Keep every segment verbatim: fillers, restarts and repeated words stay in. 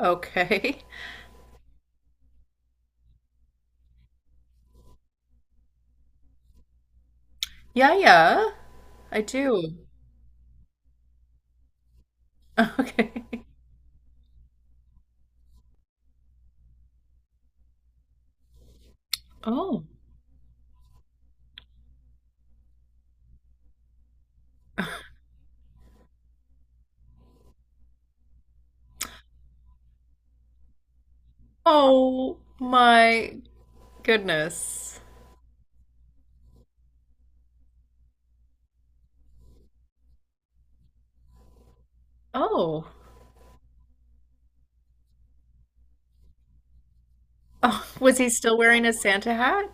Okay. Yeah, yeah, I do. Okay. Oh. Oh my goodness. Oh. Oh, was he still wearing his Santa hat?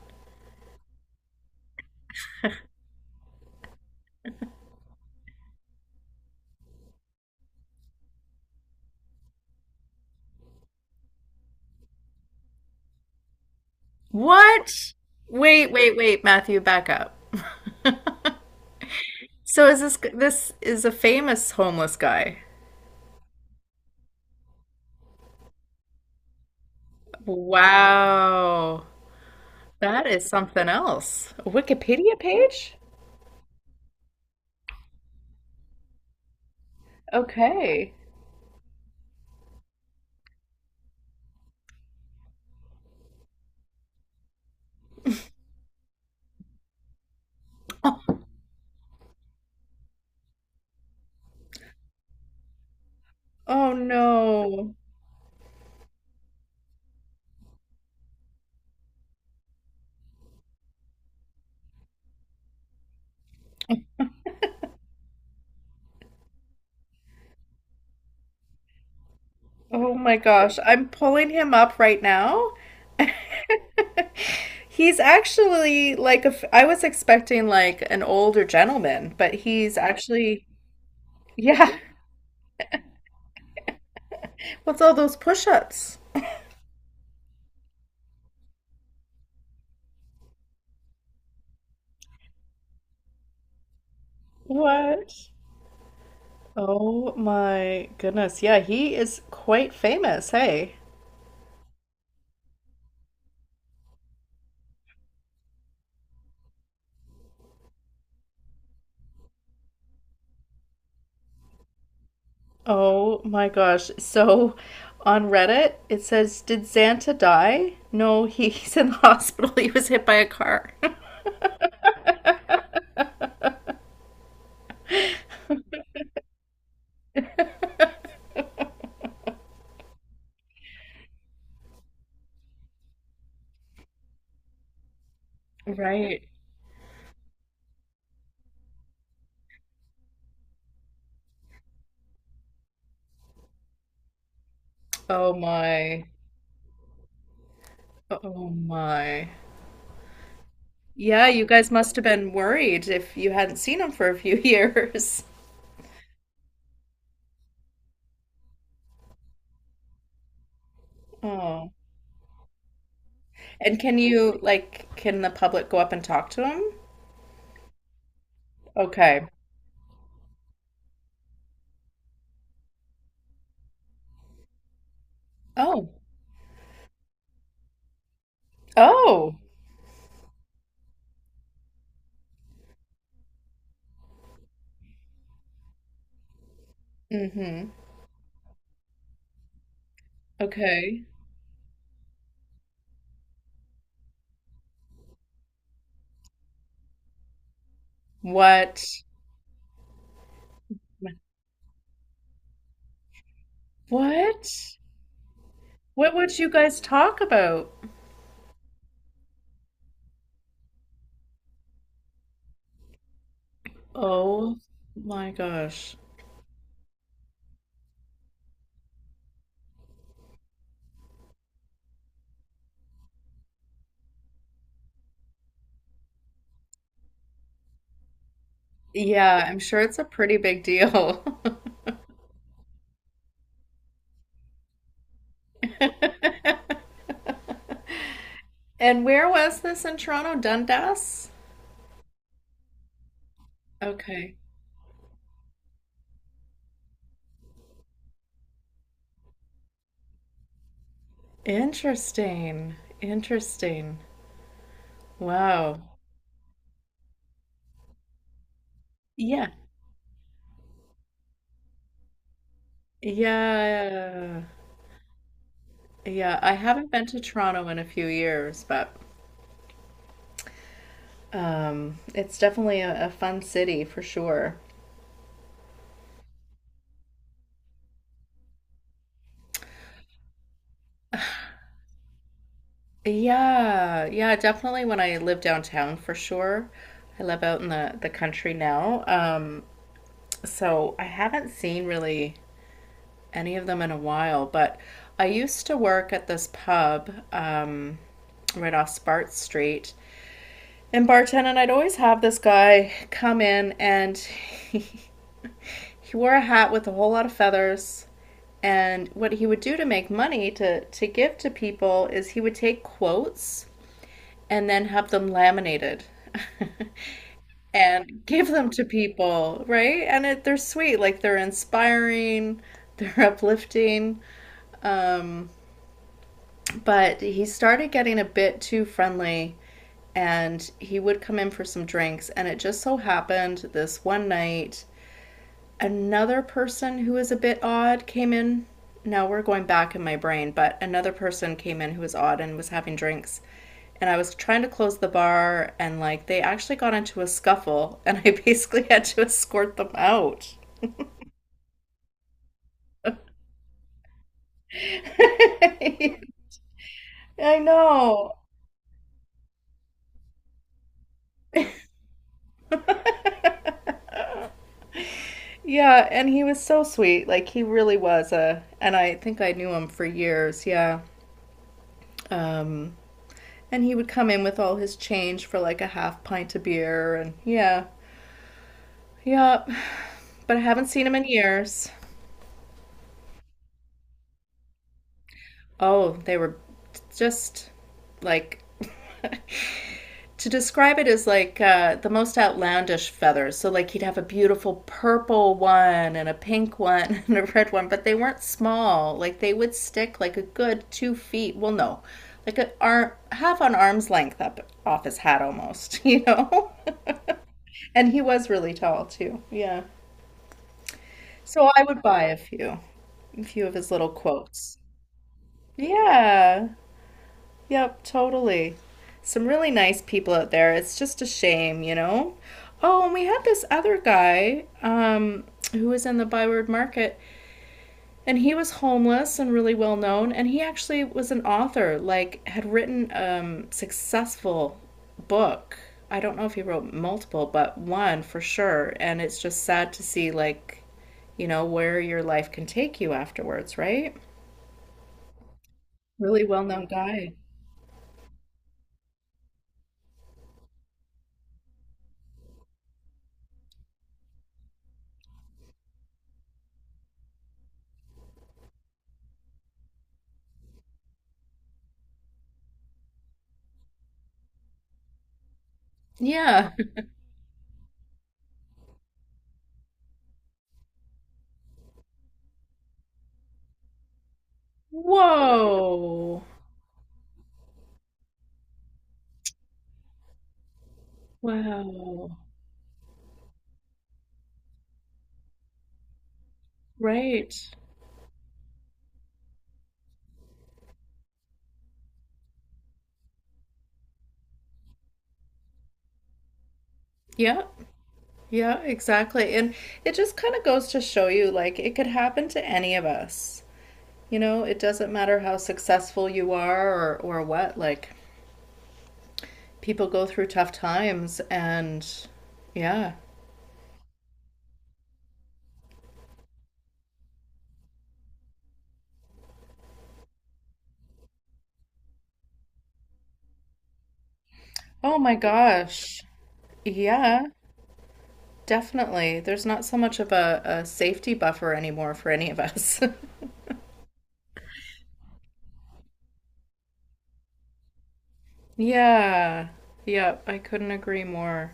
What? Wait, wait, wait, Matthew, back up. So is this this is a famous homeless guy? Wow. That is something else. A Wikipedia page? Okay. Oh no. Oh my gosh. I'm pulling him up right now. He's actually like a f I was expecting like an older gentleman, but he's actually, yeah. What's all those push-ups? What? Oh my goodness. Yeah, he is quite famous. Hey. Oh my gosh. So on Reddit, it says, did Santa die? No, he's in the hospital, he was hit by a car. Right. Oh my. Oh my. Yeah, you guys must have been worried if you hadn't seen him for a few years. Oh. And can you, like, can the public go up and talk to him? Okay. Oh. Oh. Mm-hmm. Okay. What? What? What would you guys talk about? Oh my gosh. Yeah, I'm sure it's a pretty big deal. And where was this in Toronto? Dundas? Okay. Interesting. Interesting. Wow. Yeah. Yeah. Yeah. I haven't been to Toronto in a few years, but um, it's definitely a, a fun city for sure. Yeah. Yeah. Definitely when I live downtown for sure. I live out in the, the country now. Um, so I haven't seen really any of them in a while, but I used to work at this pub, um, right off Spart Street. In bartending, I'd always have this guy come in and he, he wore a hat with a whole lot of feathers. And what he would do to make money to, to give to people is he would take quotes and then have them laminated and give them to people, right? And it, they're sweet, like they're inspiring, they're uplifting. Um, but he started getting a bit too friendly and he would come in for some drinks. And it just so happened this one night, another person who was a bit odd came in. Now we're going back in my brain, but another person came in who was odd and was having drinks. And I was trying to close the bar, and like they actually got into a scuffle, and I basically had to escort them out. I know. Yeah, and he was so sweet. Like he really was a, and I think I knew him for years. Yeah. Um, and he would come in with all his change for like a half pint of beer, and yeah, yeah. But I haven't seen him in years. Oh, they were just like to describe it as like uh, the most outlandish feathers. So, like, he'd have a beautiful purple one and a pink one and a red one, but they weren't small. Like, they would stick like a good two feet. Well, no, like a arm, half on arm's length up off his hat almost, you know? And he was really tall too. Yeah. So I would buy a few, a few of his little quotes. Yeah. Yep, totally. Some really nice people out there. It's just a shame, you know? Oh, and we had this other guy um, who was in the Byward Market, and he was homeless and really well known, and he actually was an author, like, had written a um, successful book. I don't know if he wrote multiple, but one for sure. And it's just sad to see, like, you know, where your life can take you afterwards, right? Really well known guy. Yeah. Whoa. Wow. Right. Yeah. Yeah, exactly. And it just kind of goes to show you like it could happen to any of us. You know, it doesn't matter how successful you are or or what. Like people go through tough times and yeah. Oh my gosh. Yeah, definitely. There's not so much of a, a safety buffer anymore for any of us. Yeah. Yep, I couldn't agree more.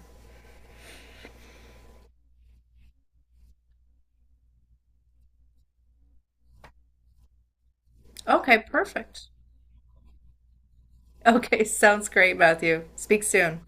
Okay, perfect. Okay, sounds great, Matthew. Speak soon.